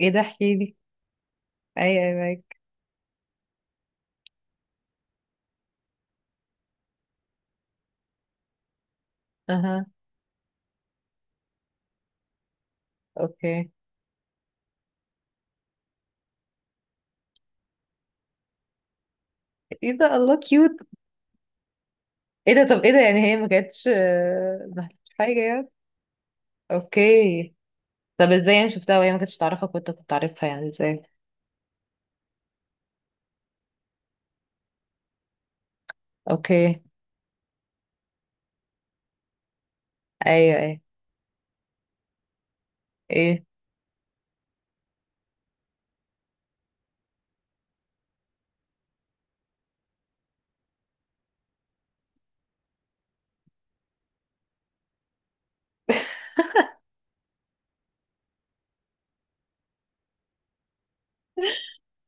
ايه ده، احكي لي. ايوه ايوه معاك. اها. اوكي. ايه ده، الله كيوت. ايه ده، طب ايه ده يعني، هي ما كانتش حاجه يعني. اوكي. طب ازاي يعني، شفتها وهي ما كانتش تعرفك وانت كنت عارفها، يعني ازاي؟ اوكي. ايوه ايوه. ايه.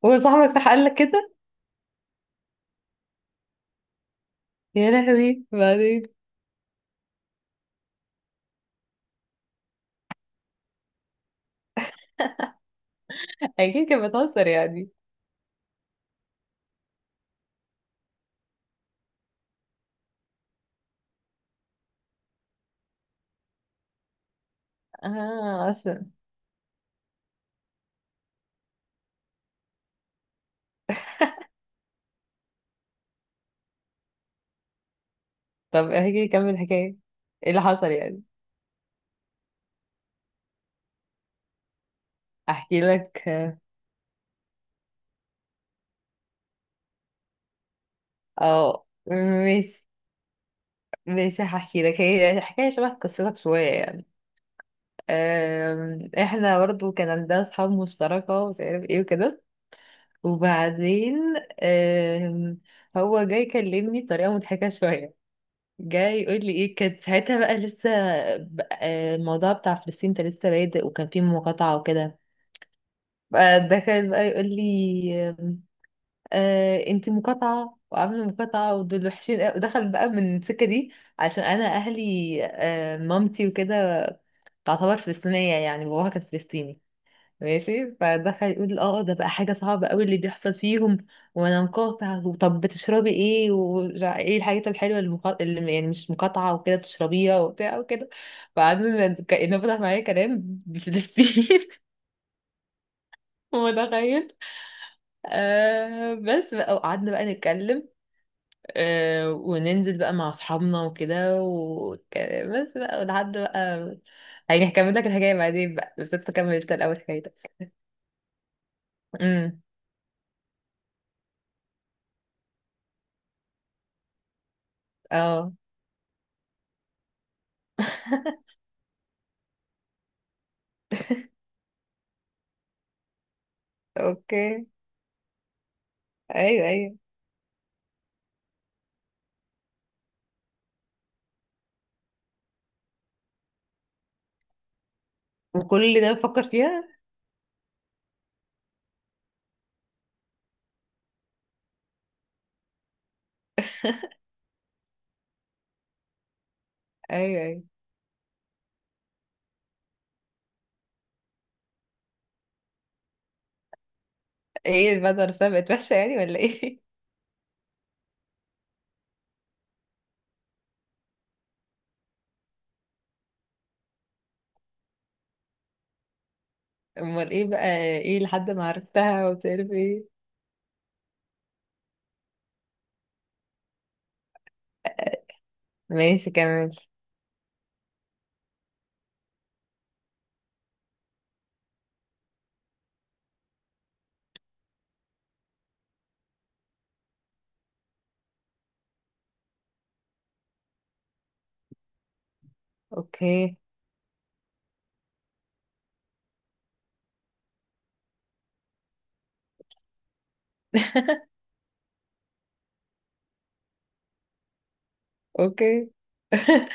هو صاحبك راح قال لك كده؟ يا لهوي، بعدين. اكيد كانت بتهزر يعني. اه اصلا. طب احكي، كمل الحكايه، ايه اللي حصل يعني. احكي لك. اه ماشي، ماشي هحكي لك، هي حكايه شبه قصتك شويه يعني. احنا برضو كان عندنا اصحاب مشتركة ومش عارف ايه وكده. وبعدين آم، هو جاي يكلمني بطريقة مضحكة شوية. جاي يقول لي ايه، كانت ساعتها بقى لسه الموضوع بتاع فلسطين ده لسه بادئ، وكان فيه مقاطعة وكده. بقى دخل بقى يقول لي آم، آه انت مقاطعة وعاملة مقاطعة، ودول وحشين قوي، ودخل بقى من السكة دي. عشان انا اهلي مامتي وكده، تعتبر فلسطينية، يعني باباها كان فلسطيني. ماشي، فدخل يقول اه ده بقى حاجة صعبة قوي اللي بيحصل فيهم. وانا مقاطع، وطب بتشربي ايه، وايه الحاجات الحلوة اللي، اللي يعني مش مقاطعة وكده بتشربيها وبتاع وكده. فقعدنا كأنه فتح معايا كلام بفلسطين. متخيل. بس بقى، وقعدنا بقى نتكلم، وننزل بقى مع اصحابنا وكده بس بقى لحد بقى. يعني هكمل لك الحكاية بعدين بقى، بس انت كملت الأول حكايتك. امم. اه اوكي. ايوه ايوه. وكل ده بفكر فيها. ايوه ايوه. ايه بقى، ده عرفتها بقت وحشة يعني ولا ايه؟ امال ايه بقى. ايه لحد ما عرفتها ومش عارف ايه. ماشي كمل. اوكي. اوكي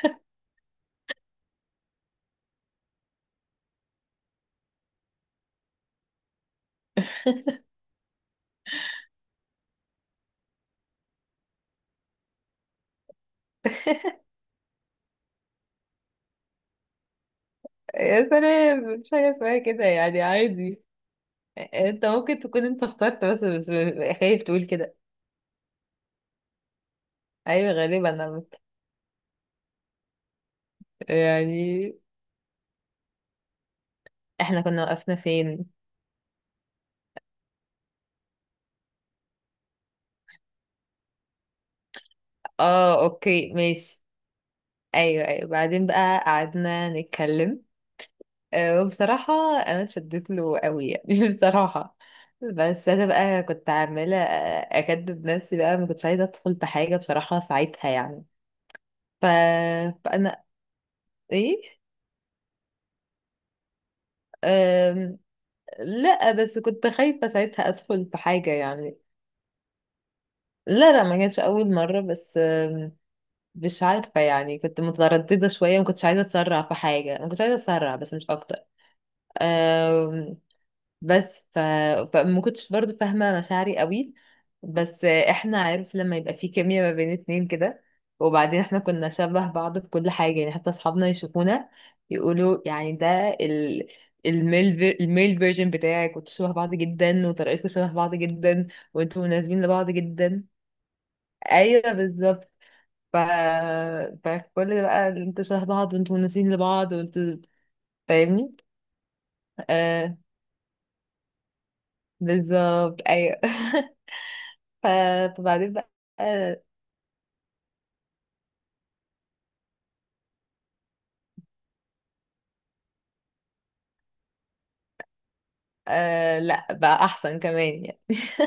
يا سلام، مش حاجة اسمها كده يعني، عادي. انت ممكن تكون انت اخترت، بس خايف تقول كده. ايوه غالبا انا يعني. احنا كنا وقفنا فين؟ اه اوكي ماشي. ايوه ايوه بعدين بقى قعدنا نتكلم. وبصراحة أنا اتشدت له قوي يعني بصراحة. بس أنا بقى كنت عمالة أكدب نفسي بقى، ما كنتش عايزة أدخل في حاجة بصراحة ساعتها يعني. ف... فأنا إيه أم... لا بس كنت خايفة ساعتها أدخل في حاجة يعني. لا لا ما كانتش أول مرة، بس مش عارفة يعني كنت مترددة شوية، ما كنتش عايزة أسرع في حاجة، ما كنتش عايزة أسرع، بس مش أكتر. بس فما كنتش برضو فاهمة مشاعري قوي. بس احنا عارف لما يبقى في كيمياء ما بين اتنين كده. وبعدين احنا كنا شبه بعض في كل حاجة، يعني حتى اصحابنا يشوفونا يقولوا يعني، ده ال... الميل فيرجن بتاعك، وانتوا شبه بعض جدا، وطريقتكم شبه بعض جدا، وانتوا مناسبين لبعض جدا. ايوه بالظبط. ف... فكل ده بقى، انتوا شبه بعض وانتوا مناسبين لبعض وانتوا فاهمني. آه بالظبط ايوه ف- فبعدين بقى لا بقى احسن كمان يعني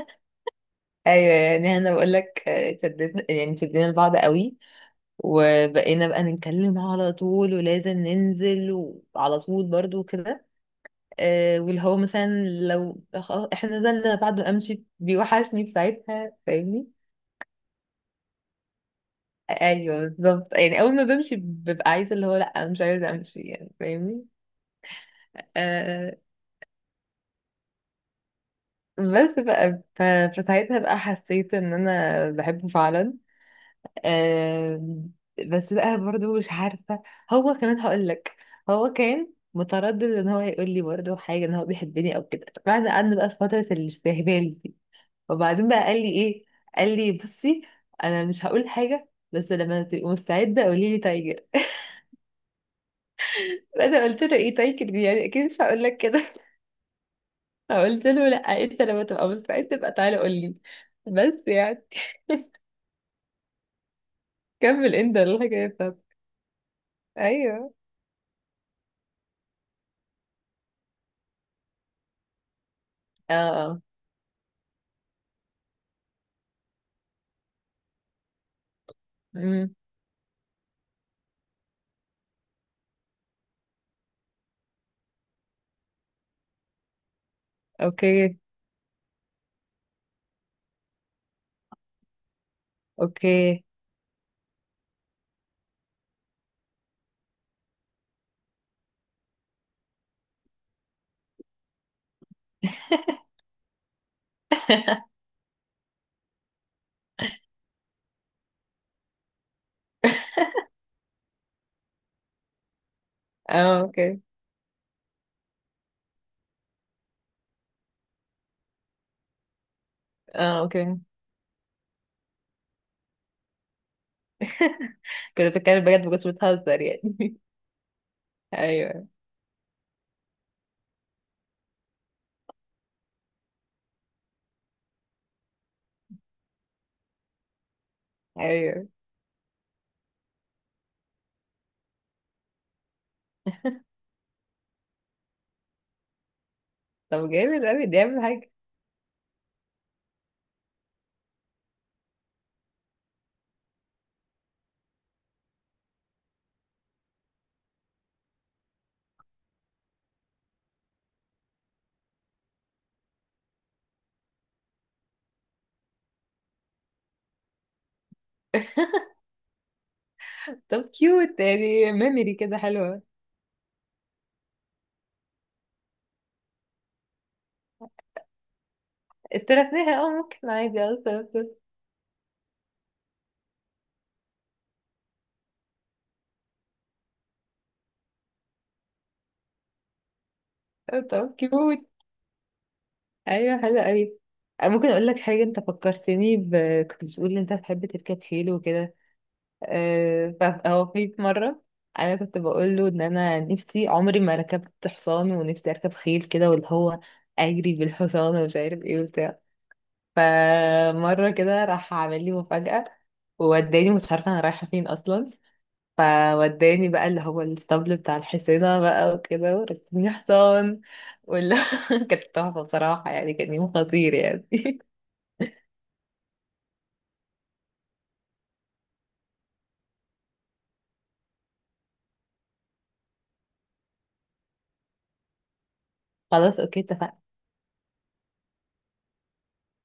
ايوه يعني انا بقول لك شدتنا يعني شدينا لبعض قوي. وبقينا بقى نتكلم على طول، ولازم ننزل، وعلى طول برضو كده. واللي هو مثلا، لو خلاص احنا نزلنا بعد ما امشي بيوحشني في ساعتها، فاهمني. ايوه بالظبط، يعني اول ما بمشي ببقى عايزه اللي هو، لا مش عايزه امشي يعني، فاهمني. آه بس بقى فساعتها بقى حسيت ان انا بحبه فعلا. آم، بس بقى برضو مش عارفة. هو كمان هقولك، هو كان متردد ان هو يقول لي برضو حاجة ان هو بيحبني او كده، بعد قعدنا بقى في فترة الاستهبال دي. وبعدين بقى قال لي ايه، قال لي بصي. انا مش هقول حاجة، بس لما تبقي مستعدة قولي لي تايجر. انا قلت له ايه تايجر دي، يعني اكيد مش هقول لك كده فقلت له لا، انت لما تبقى مستعد تبقى تعالى قول لي. بس يعني، كمل انت الحكاية بتاعتك. ايوه اه آه. امم. اوكي اوكي. اه اوكي. اه اوكي. كنت بتكلم بجد ما كنتش بتهزر يعني؟ ايوه ايوه. طب جامد قوي دي اهم حاجه. طب كيوت يعني، ميموري كده حلوه. استلفناها اه ممكن عادي اه استلفت. طب كيوت، ايوه حلوه قوي. ممكن اقول لك حاجه، انت فكرتني. كنت بتقول ان انت بتحب تركب خيل وكده. هو في مره انا كنت بقول له ان انا نفسي عمري ما ركبت حصان، ونفسي اركب خيل كده، واللي هو اجري بالحصان ومش عارف ايه وبتاع. فمرة كده راح عامل لي مفاجأة، ووداني مش عارفة أنا رايحة فين أصلا. فوداني بقى اللي هو الاسطبل بتاع الحصينة بقى وكده، وركبني حصان، ولا كانت تحفة بصراحة يعني، كان يوم خطير يعني خلاص اوكي اتفقنا.